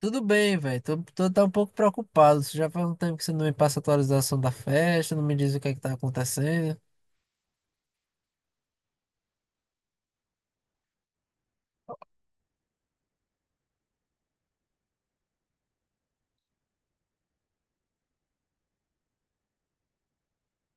Tudo bem, velho. Tô, tá um pouco preocupado. Você já faz um tempo que você não me passa a atualização da festa, não me diz o que é que tá acontecendo.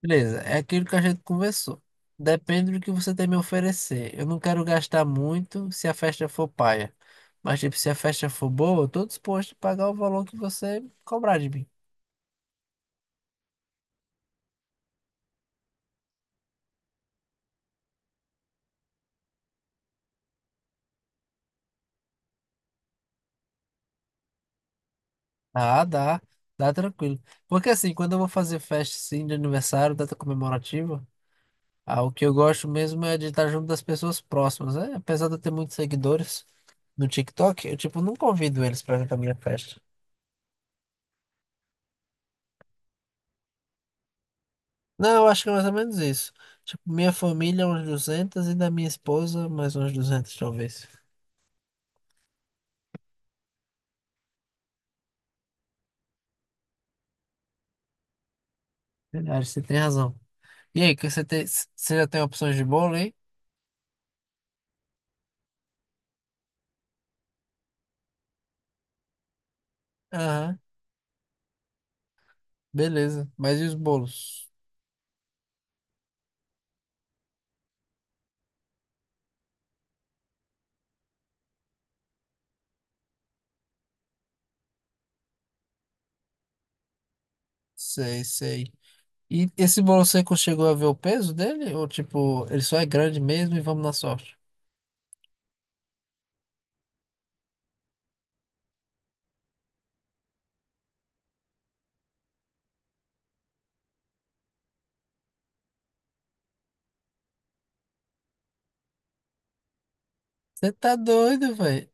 Beleza, é aquilo que a gente conversou. Depende do que você tem me oferecer. Eu não quero gastar muito se a festa for paia. Mas, tipo, se a festa for boa, eu tô disposto a pagar o valor que você cobrar de mim. Ah, dá. Dá tranquilo. Porque assim, quando eu vou fazer festa assim, de aniversário, data comemorativa. Ah, o que eu gosto mesmo é de estar junto das pessoas próximas, né? Apesar de eu ter muitos seguidores no TikTok, eu, tipo, não convido eles pra vir pra minha festa. Não, eu acho que é mais ou menos isso. Tipo, minha família, é uns 200, e da minha esposa, mais uns 200, talvez. Verdade, você tem razão. E aí, que você tem, você já tem opções de bolo, hein? Aham, beleza. Mas e os bolos? Sei, sei. E esse bolo seco, chegou a ver o peso dele? Ou, tipo, ele só é grande mesmo e vamos na sorte? Você tá doido, velho?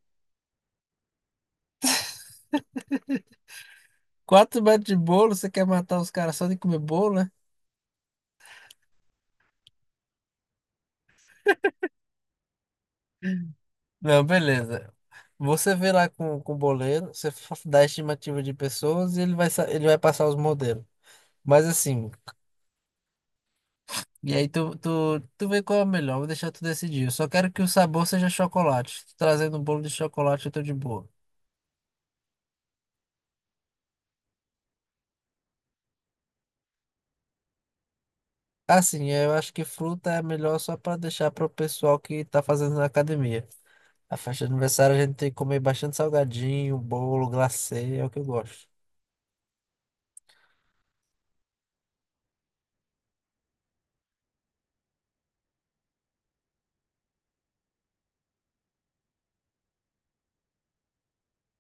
Quatro metros de bolo, você quer matar os caras só de comer bolo, né? Não, beleza. Você vê lá com o boleiro, você dá a estimativa de pessoas e ele vai, ele vai passar os modelos. Mas assim, e aí tu vê qual é o melhor, vou deixar tu decidir. Eu só quero que o sabor seja chocolate. Tu trazendo um bolo de chocolate, eu tô de boa. Assim, eu acho que fruta é melhor só pra deixar pro pessoal que tá fazendo na academia. A festa de aniversário a gente tem que comer bastante salgadinho, bolo, glacê, é o que eu gosto.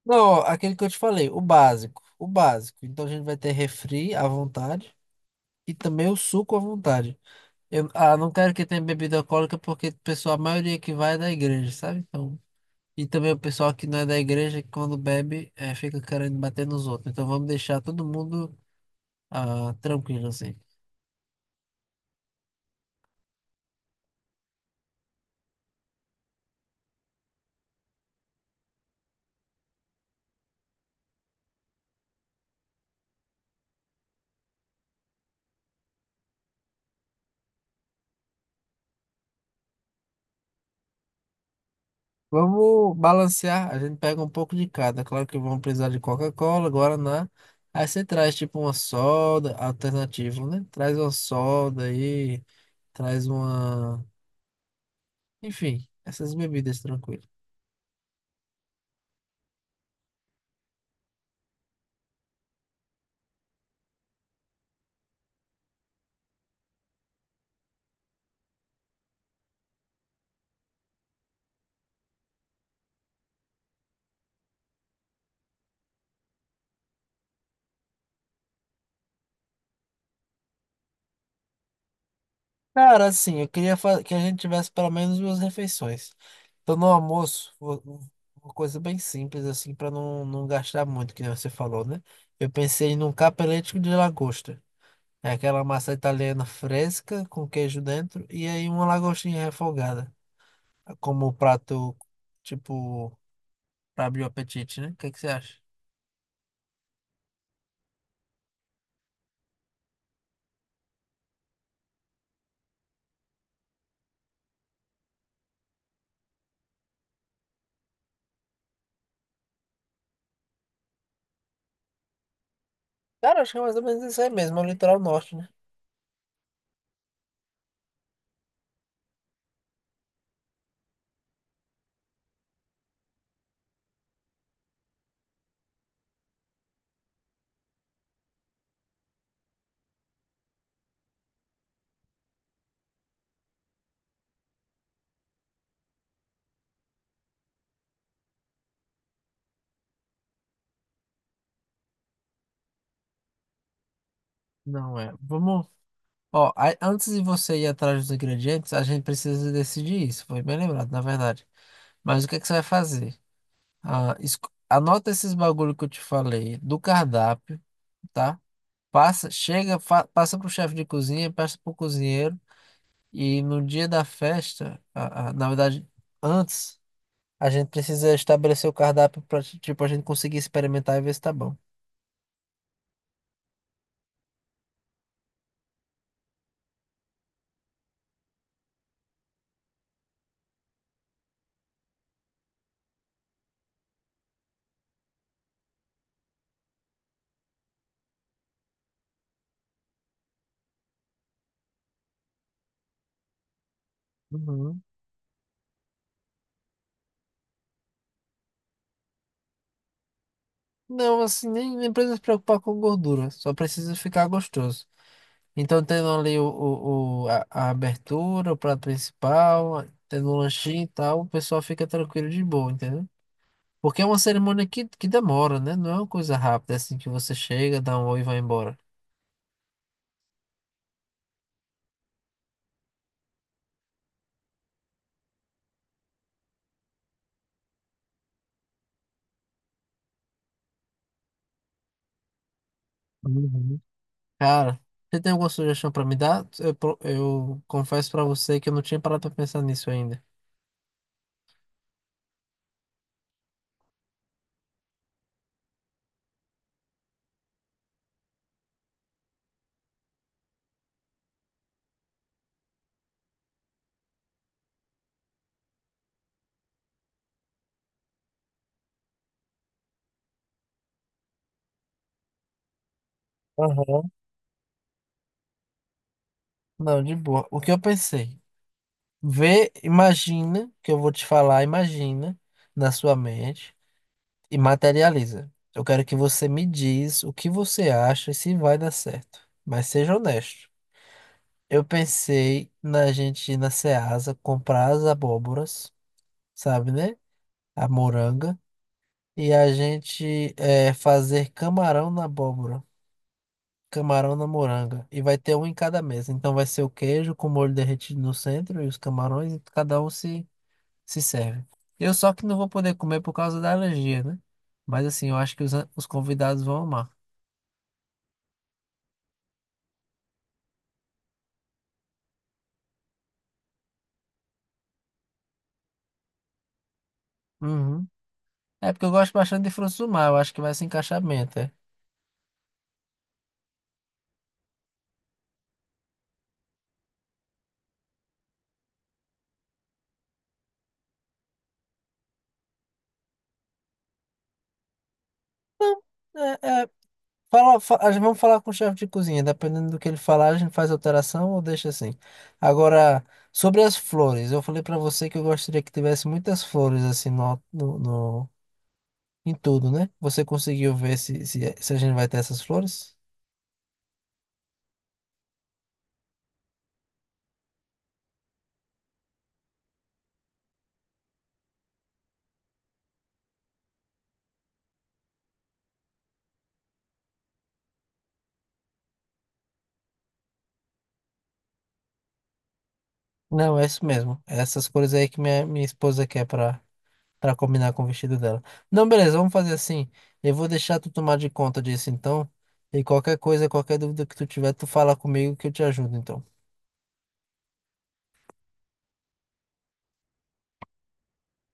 Não, ó, aquele que eu te falei, o básico. O básico. Então a gente vai ter refri à vontade e também o suco à vontade. Eu, não quero que tenha bebida alcoólica porque o pessoal, a maioria que vai é da igreja, sabe? Então, e também o pessoal que não é da igreja, que quando bebe, fica querendo bater nos outros. Então vamos deixar todo mundo ah, tranquilo assim. Vamos balancear. A gente pega um pouco de cada. Claro que vamos precisar de Coca-Cola, Guaraná. Aí você traz tipo uma soda alternativa, né? Traz uma soda aí, traz uma. Enfim, essas bebidas tranquilas. Cara, assim, eu queria que a gente tivesse pelo menos duas refeições. Então, no almoço, uma coisa bem simples, assim, para não gastar muito, que nem você falou, né? Eu pensei num capelete de lagosta. É aquela massa italiana fresca com queijo dentro e aí uma lagostinha refogada, como prato, tipo, pra abrir o apetite, né? O que que você acha? Cara, acho que é mais ou menos isso aí mesmo, é o litoral norte, né? Não é. Vamos. Ó, antes de você ir atrás dos ingredientes, a gente precisa decidir isso. Foi bem lembrado, na verdade. Mas o que que você vai fazer? Ah, anota esses bagulho que eu te falei do cardápio, tá? Passa, chega, passa pro chefe de cozinha, passa pro cozinheiro. E no dia da festa, na verdade, antes, a gente precisa estabelecer o cardápio para, tipo, a gente conseguir experimentar e ver se tá bom. Uhum. Não, assim, nem precisa se preocupar com gordura, só precisa ficar gostoso. Então, tendo ali a abertura, o prato principal, tendo um lanchinho e tal, o pessoal fica tranquilo de boa, entendeu? Porque é uma cerimônia que demora, né? Não é uma coisa rápida assim que você chega, dá um oi e vai embora. Uhum. Cara, você tem alguma sugestão pra me dar? Eu, eu confesso pra você que eu não tinha parado pra pensar nisso ainda. Aham. Não, de boa. O que eu pensei? Vê, imagina que eu vou te falar, imagina na sua mente. E materializa. Eu quero que você me diz o que você acha e se vai dar certo. Mas seja honesto. Eu pensei na gente ir na Ceasa comprar as abóboras, sabe, né? A moranga. E a gente fazer camarão na abóbora, camarão na moranga. E vai ter um em cada mesa. Então vai ser o queijo com molho derretido no centro e os camarões, e cada um se, se serve. Eu só que não vou poder comer por causa da alergia, né? Mas assim, eu acho que os convidados vão amar. Uhum. É porque eu gosto bastante de frutos do mar, eu acho que vai se encaixar bem até. É, é, fala, vamos falar com o chefe de cozinha, dependendo do que ele falar, a gente faz alteração ou deixa assim. Agora, sobre as flores, eu falei pra você que eu gostaria que tivesse muitas flores assim em tudo, né? Você conseguiu ver se a gente vai ter essas flores? Não, é isso mesmo. É, essas cores aí que minha esposa quer pra. Pra combinar com o vestido dela. Não, beleza, vamos fazer assim. Eu vou deixar tu tomar de conta disso então. E qualquer coisa, qualquer dúvida que tu tiver, tu fala comigo que eu te ajudo então.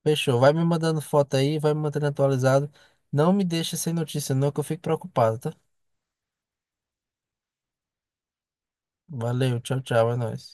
Fechou. Vai me mandando foto aí, vai me mantendo atualizado. Não me deixa sem notícia, não, que eu fico preocupado, tá? Valeu, tchau, tchau, é nóis.